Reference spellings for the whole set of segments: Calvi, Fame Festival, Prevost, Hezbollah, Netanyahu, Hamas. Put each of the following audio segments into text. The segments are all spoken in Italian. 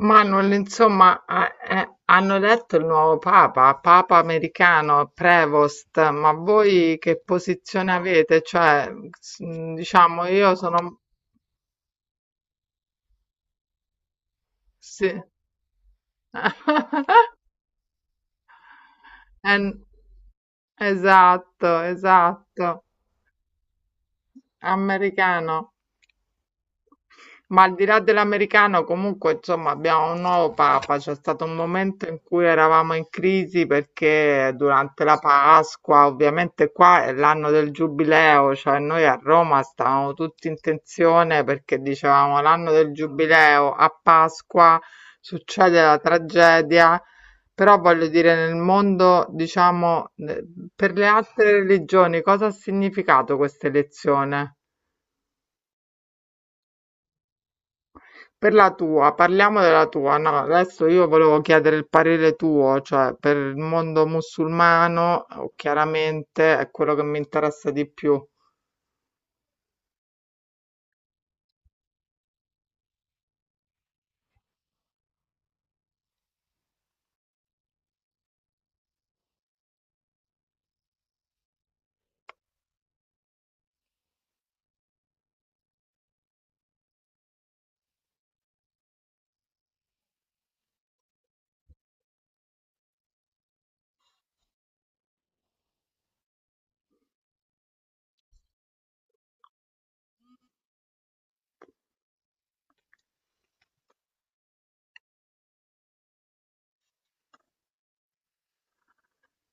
Manuel, insomma, hanno eletto il nuovo papa, papa americano, Prevost, ma voi che posizione avete? Cioè, diciamo, io sono... Sì. Eh, esatto, esatto, americano. Ma al di là dell'americano, comunque, insomma, abbiamo un nuovo papa. C'è stato un momento in cui eravamo in crisi perché durante la Pasqua, ovviamente qua è l'anno del giubileo, cioè noi a Roma stavamo tutti in tensione perché dicevamo l'anno del giubileo, a Pasqua succede la tragedia. Però voglio dire, nel mondo, diciamo, per le altre religioni, cosa ha significato questa elezione? Per la tua, parliamo della tua. No, adesso io volevo chiedere il parere tuo, cioè per il mondo musulmano, chiaramente è quello che mi interessa di più.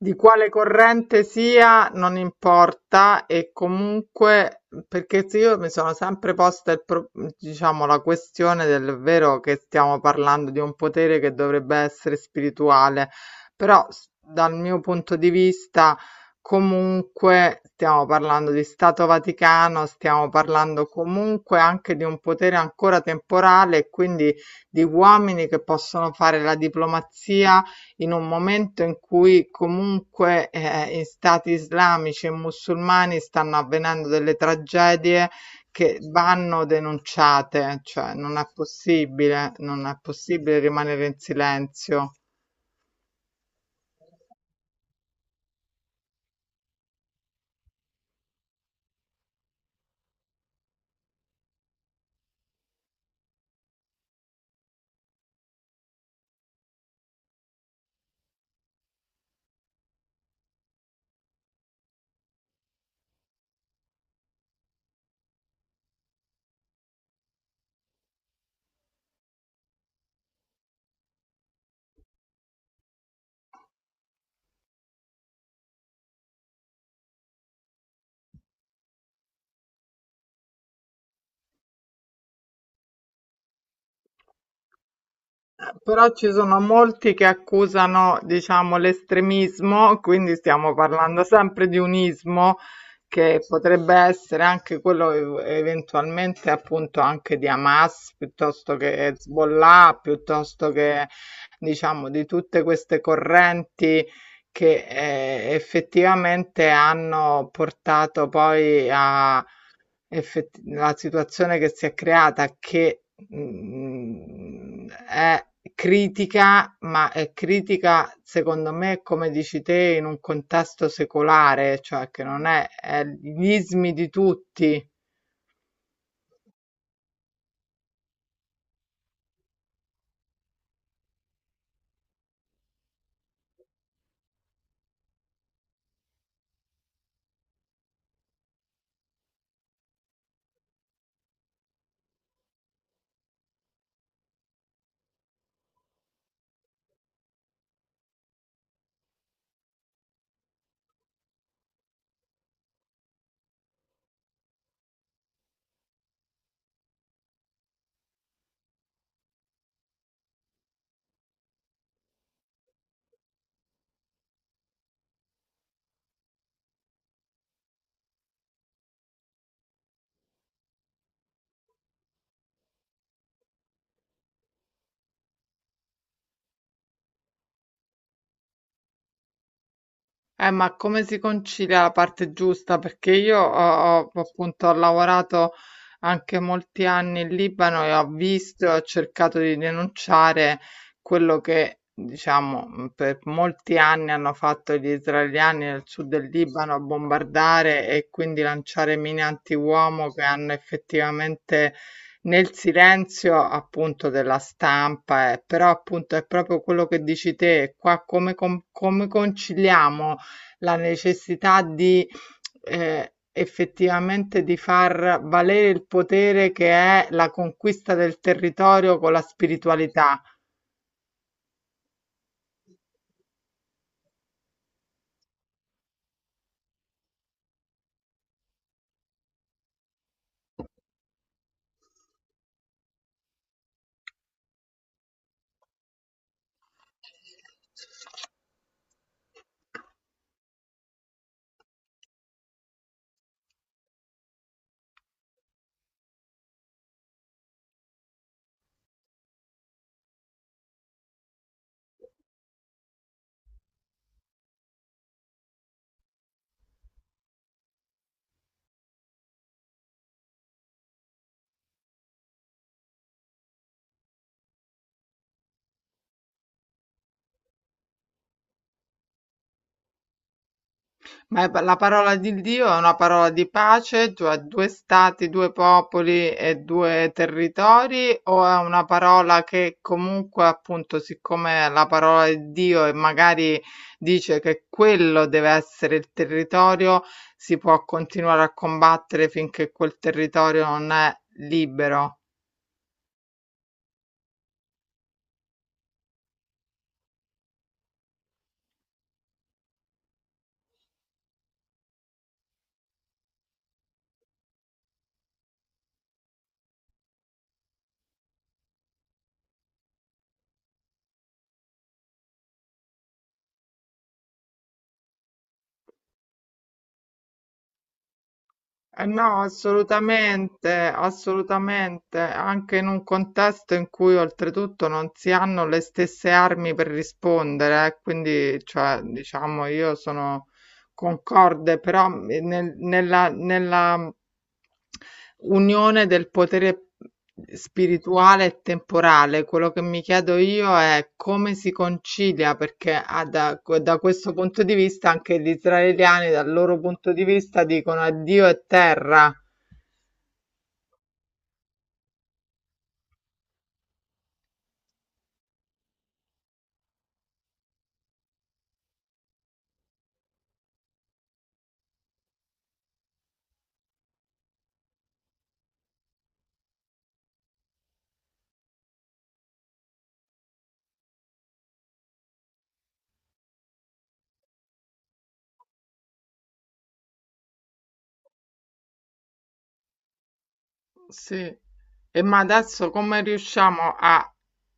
Di quale corrente sia non importa, e comunque perché se io mi sono sempre posta il diciamo la questione del vero, che stiamo parlando di un potere che dovrebbe essere spirituale, però dal mio punto di vista comunque stiamo parlando di Stato Vaticano, stiamo parlando comunque anche di un potere ancora temporale, e quindi di uomini che possono fare la diplomazia in un momento in cui comunque in stati islamici e musulmani stanno avvenendo delle tragedie che vanno denunciate, cioè non è possibile, non è possibile rimanere in silenzio. Però ci sono molti che accusano, diciamo, l'estremismo, quindi stiamo parlando sempre di un ismo che potrebbe essere anche quello eventualmente appunto anche di Hamas, piuttosto che Hezbollah, piuttosto che, diciamo, di tutte queste correnti che effettivamente hanno portato poi a la situazione che si è creata, che è critica, ma è critica secondo me, come dici te, in un contesto secolare, cioè che non è, è gli ismi di tutti. Ma come si concilia la parte giusta? Perché io ho, appunto ho lavorato anche molti anni in Libano e ho visto e ho cercato di denunciare quello che, diciamo, per molti anni hanno fatto gli israeliani nel sud del Libano, bombardare e quindi lanciare mine antiuomo che hanno effettivamente nel silenzio appunto della stampa, eh. Però appunto è proprio quello che dici te, qua come come conciliamo? La necessità di effettivamente di far valere il potere che è la conquista del territorio con la spiritualità. Ma la parola di Dio è una parola di pace, cioè due stati, due popoli e due territori, o è una parola che comunque, appunto, siccome è la parola di Dio e magari dice che quello deve essere il territorio, si può continuare a combattere finché quel territorio non è libero? No, assolutamente, assolutamente, anche in un contesto in cui oltretutto non si hanno le stesse armi per rispondere, eh. Quindi, cioè, diciamo, io sono concorde però nella, nella unione del potere spirituale e temporale. Quello che mi chiedo io è come si concilia, perché da, da questo punto di vista anche gli israeliani, dal loro punto di vista, dicono addio e terra. Sì. E ma adesso come riusciamo a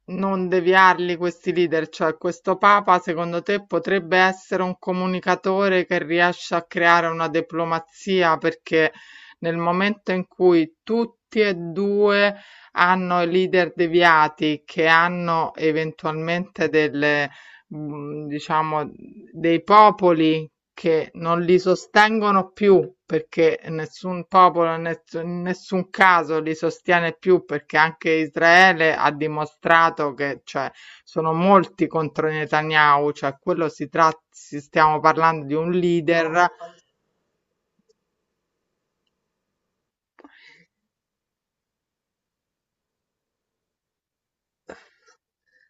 non deviarli questi leader? Cioè, questo Papa, secondo te, potrebbe essere un comunicatore che riesce a creare una diplomazia? Perché nel momento in cui tutti e due hanno i leader deviati, che hanno eventualmente delle, diciamo, dei popoli che non li sostengono più, perché nessun popolo, in nessun caso li sostiene più, perché anche Israele ha dimostrato che, cioè, sono molti contro Netanyahu, cioè quello si tratta, stiamo parlando di un leader.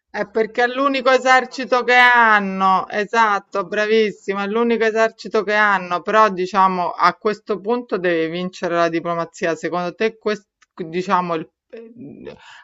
È perché è l'unico esercito che hanno, esatto, bravissima, è l'unico esercito che hanno, però diciamo a questo punto devi vincere la diplomazia. Secondo te, diciamo,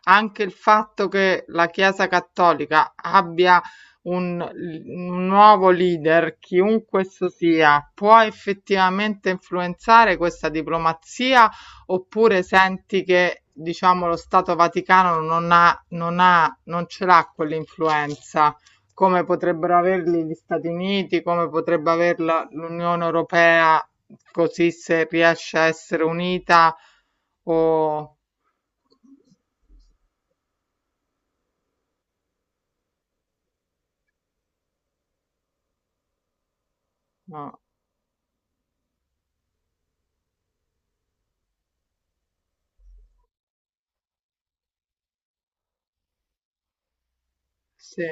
anche il fatto che la Chiesa Cattolica abbia un nuovo leader, chiunque esso sia, può effettivamente influenzare questa diplomazia, oppure senti che diciamo lo Stato Vaticano non ha, non ha, non ce l'ha quell'influenza come potrebbero averli gli Stati Uniti, come potrebbe averla l'Unione Europea, così se riesce a essere unita o no, sì.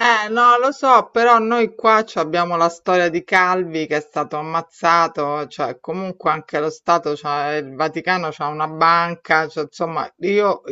No, lo so, però noi qua ci abbiamo la storia di Calvi che è stato ammazzato, cioè comunque anche lo Stato, il Vaticano c'ha una banca, cioè, insomma, io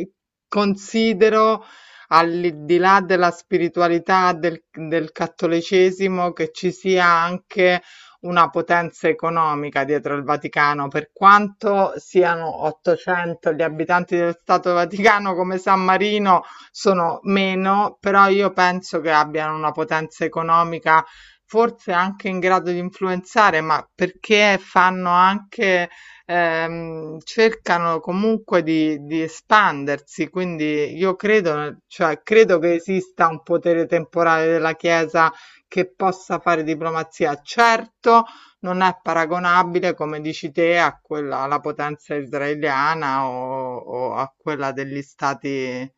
considero, al di là della spiritualità del, del cattolicesimo, che ci sia anche una potenza economica dietro il Vaticano. Per quanto siano 800 gli abitanti dello Stato Vaticano, come San Marino sono meno, però io penso che abbiano una potenza economica forse anche in grado di influenzare, ma perché fanno anche, cercano comunque di espandersi, quindi io credo, cioè, credo che esista un potere temporale della Chiesa che possa fare diplomazia. Certo, non è paragonabile, come dici te, a quella, alla potenza israeliana o a quella degli stati.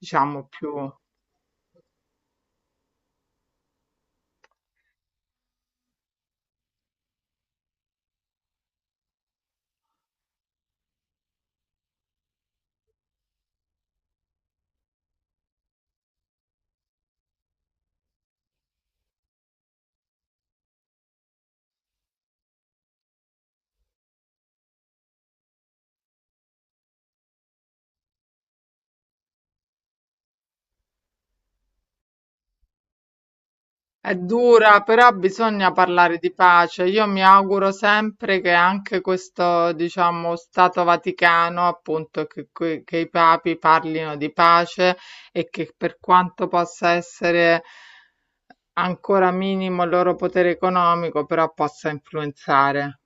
Diciamo più è dura, però bisogna parlare di pace. Io mi auguro sempre che anche questo, diciamo, Stato Vaticano, appunto, che, che i papi parlino di pace e che, per quanto possa essere ancora minimo il loro potere economico, però possa influenzare.